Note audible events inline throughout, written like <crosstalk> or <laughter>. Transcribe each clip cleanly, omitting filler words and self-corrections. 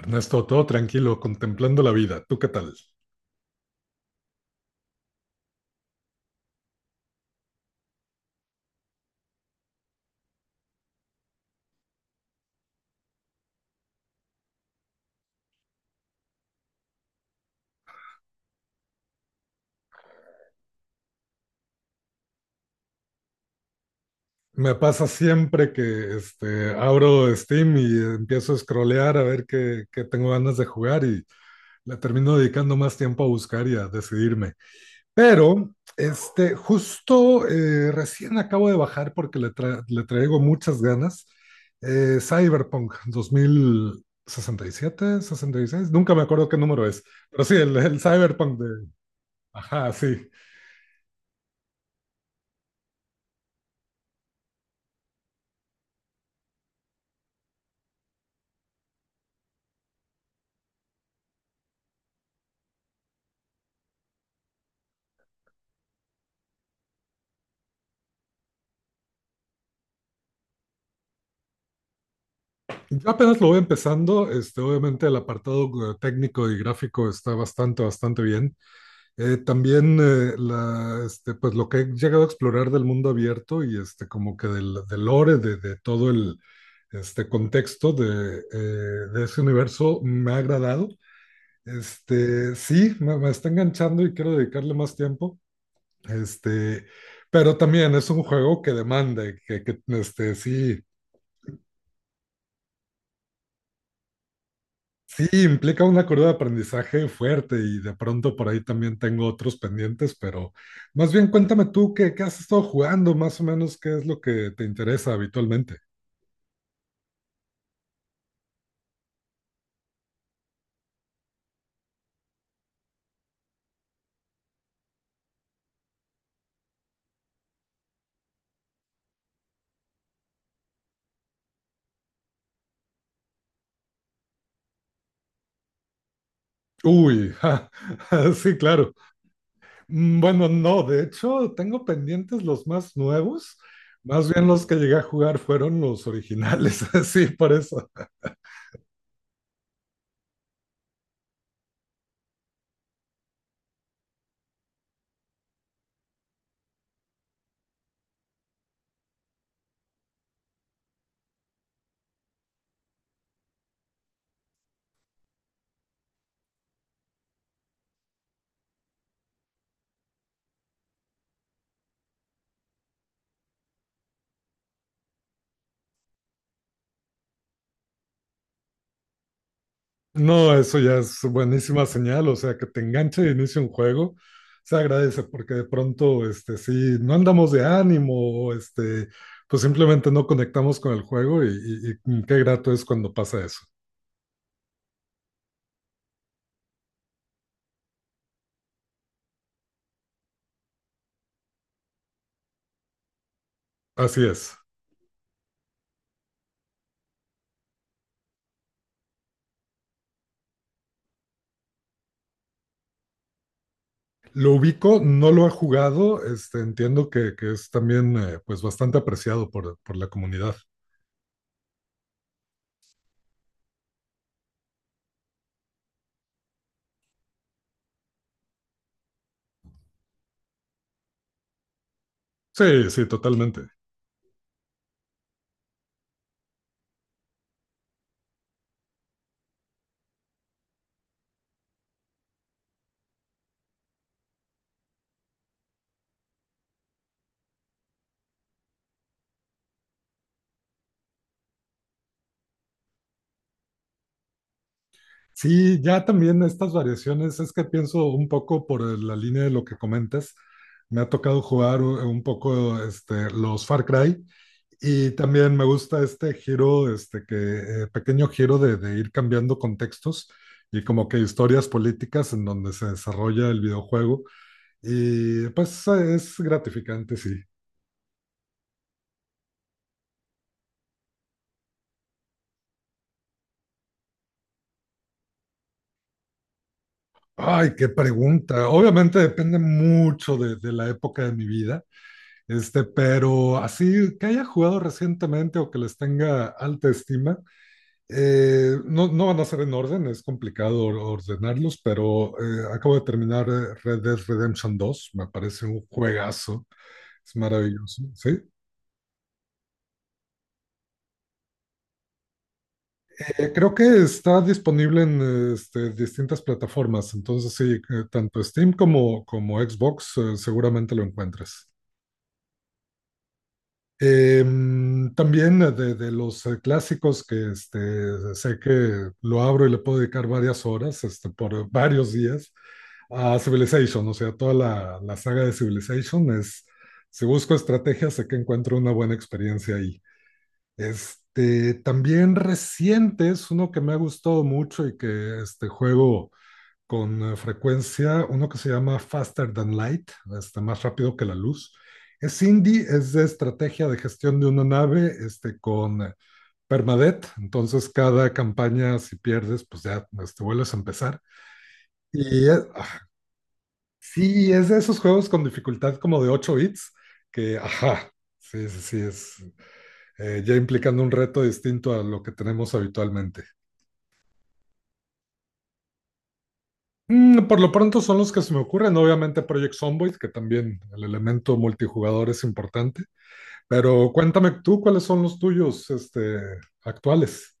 Ernesto, todo tranquilo, contemplando la vida. ¿Tú qué tal? Me pasa siempre que abro Steam y empiezo a scrollear a ver qué tengo ganas de jugar y le termino dedicando más tiempo a buscar y a decidirme. Pero justo recién acabo de bajar porque le traigo muchas ganas. Cyberpunk 2067, 66, nunca me acuerdo qué número es, pero sí, el Cyberpunk de... Ajá, sí. Yo apenas lo voy empezando, obviamente el apartado técnico y gráfico está bastante, bastante bien. Pues lo que he llegado a explorar del mundo abierto y como que del lore, de todo el contexto de ese universo me ha agradado. Sí, me está enganchando y quiero dedicarle más tiempo. Este, pero también es un juego que demanda, y que sí. Sí, implica una curva de aprendizaje fuerte y de pronto por ahí también tengo otros pendientes, pero más bien cuéntame tú qué has estado jugando, más o menos qué es lo que te interesa habitualmente. Uy, ja, <laughs> sí, claro. Mm, bueno, no, de hecho tengo pendientes los más nuevos, más bien los que llegué a jugar fueron los originales, <laughs> sí, por eso. No, eso ya es buenísima señal, o sea, que te enganche de inicio un juego, se agradece porque de pronto, sí, no andamos de ánimo, o, este, pues simplemente no conectamos con el juego y qué grato es cuando pasa eso. Así es. Lo ubico, no lo ha jugado, entiendo que es también, pues, bastante apreciado por la comunidad. Sí, sí, totalmente. Sí, ya también estas variaciones, es que pienso un poco la línea de lo que comentas. Me ha tocado jugar un poco los Far Cry y también me gusta este giro, pequeño giro de ir cambiando contextos y como que historias políticas en donde se desarrolla el videojuego. Y pues es gratificante, sí. Ay, qué pregunta. Obviamente depende mucho de la época de mi vida. Pero así que haya jugado recientemente o que les tenga alta estima, no, no van a ser en orden, es complicado ordenarlos, pero acabo de terminar Red Dead Redemption 2. Me parece un juegazo, es maravilloso, ¿sí? Creo que está disponible en distintas plataformas, entonces sí, tanto Steam como Xbox seguramente lo encuentres. También de los clásicos que sé que lo abro y le puedo dedicar varias horas, por varios días, a Civilization, o sea, toda la saga de Civilization es, si busco estrategias, sé que encuentro una buena experiencia ahí. También reciente es uno que me ha gustado mucho y que este juego con frecuencia uno que se llama Faster Than Light, más rápido que la luz. Es indie, es de estrategia de gestión de una nave con permadeath, entonces cada campaña si pierdes pues ya vuelves a empezar. Y sí, es de esos juegos con dificultad como de 8 bits, que ajá, sí, sí, sí, es ya implicando un reto distinto a lo que tenemos habitualmente. Por lo pronto son los que se me ocurren, obviamente Project Zomboid, que también el elemento multijugador es importante, pero cuéntame tú cuáles son los tuyos, actuales.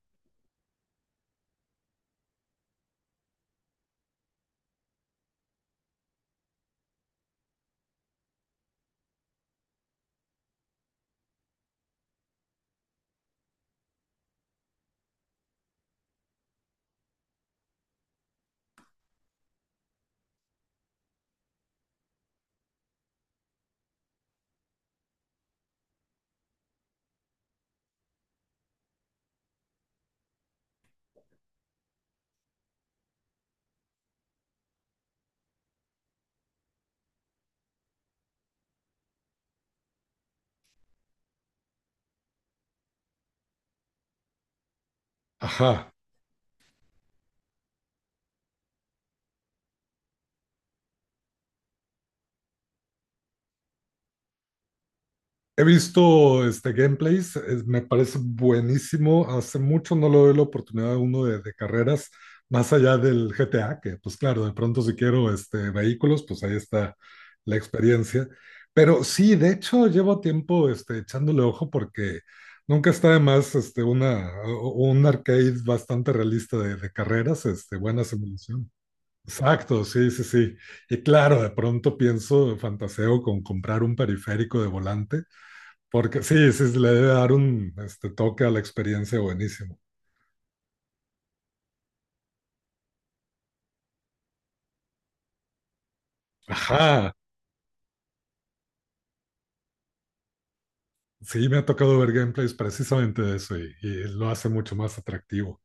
Ajá. He visto gameplays, me parece buenísimo. Hace mucho no le doy la oportunidad a uno de carreras, más allá del GTA, que pues claro, de pronto si quiero vehículos, pues ahí está la experiencia. Pero sí, de hecho, llevo tiempo echándole ojo porque nunca está de más un arcade bastante realista de carreras, buena simulación. Exacto, sí, sí, sí. Y claro, de pronto pienso, fantaseo con comprar un periférico de volante porque sí, sí, sí, le debe dar un toque a la experiencia buenísimo. Ajá, sí, me ha tocado ver gameplays precisamente de eso y lo hace mucho más atractivo.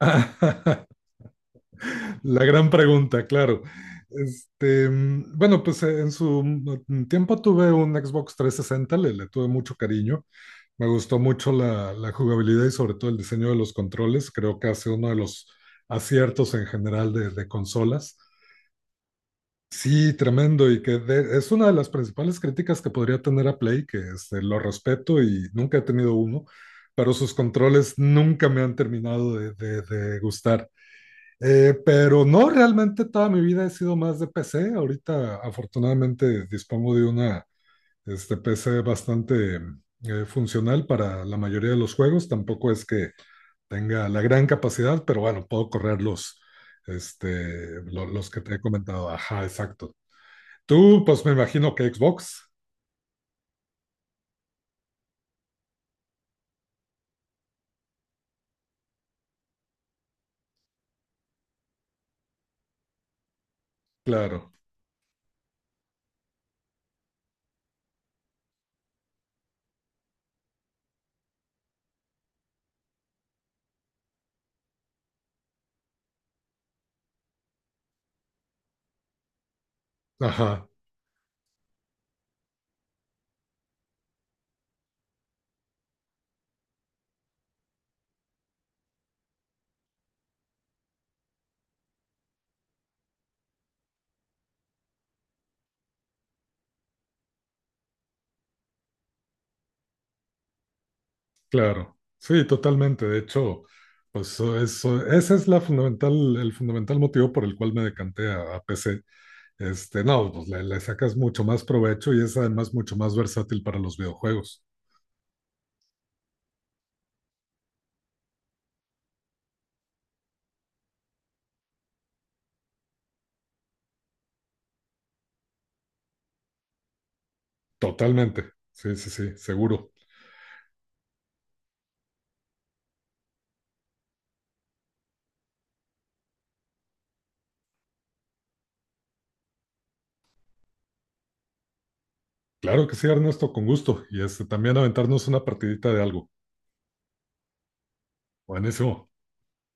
<laughs> La gran pregunta, claro. Bueno, pues en su tiempo tuve un Xbox 360, le tuve mucho cariño. Me gustó mucho la jugabilidad y sobre todo el diseño de los controles. Creo que ha sido uno de los aciertos en general de consolas. Sí, tremendo, y que es una de las principales críticas que podría tener a Play, que lo respeto y nunca he tenido uno, pero sus controles nunca me han terminado de gustar. Pero no, realmente toda mi vida he sido más de PC. Ahorita afortunadamente dispongo de una PC bastante funcional para la mayoría de los juegos. Tampoco es que tenga la gran capacidad, pero bueno, puedo correr los, los que te he comentado. Ajá, exacto. Tú, pues me imagino que Xbox, claro, ajá, claro, sí, totalmente. De hecho, pues eso, ese es la fundamental, el fundamental motivo por el cual me decanté a PC. No, pues le sacas mucho más provecho y es además mucho más versátil para los videojuegos. Totalmente, sí, sí, sí, seguro. Claro que sí, Ernesto, con gusto. Y también aventarnos una partidita de algo. Buenísimo.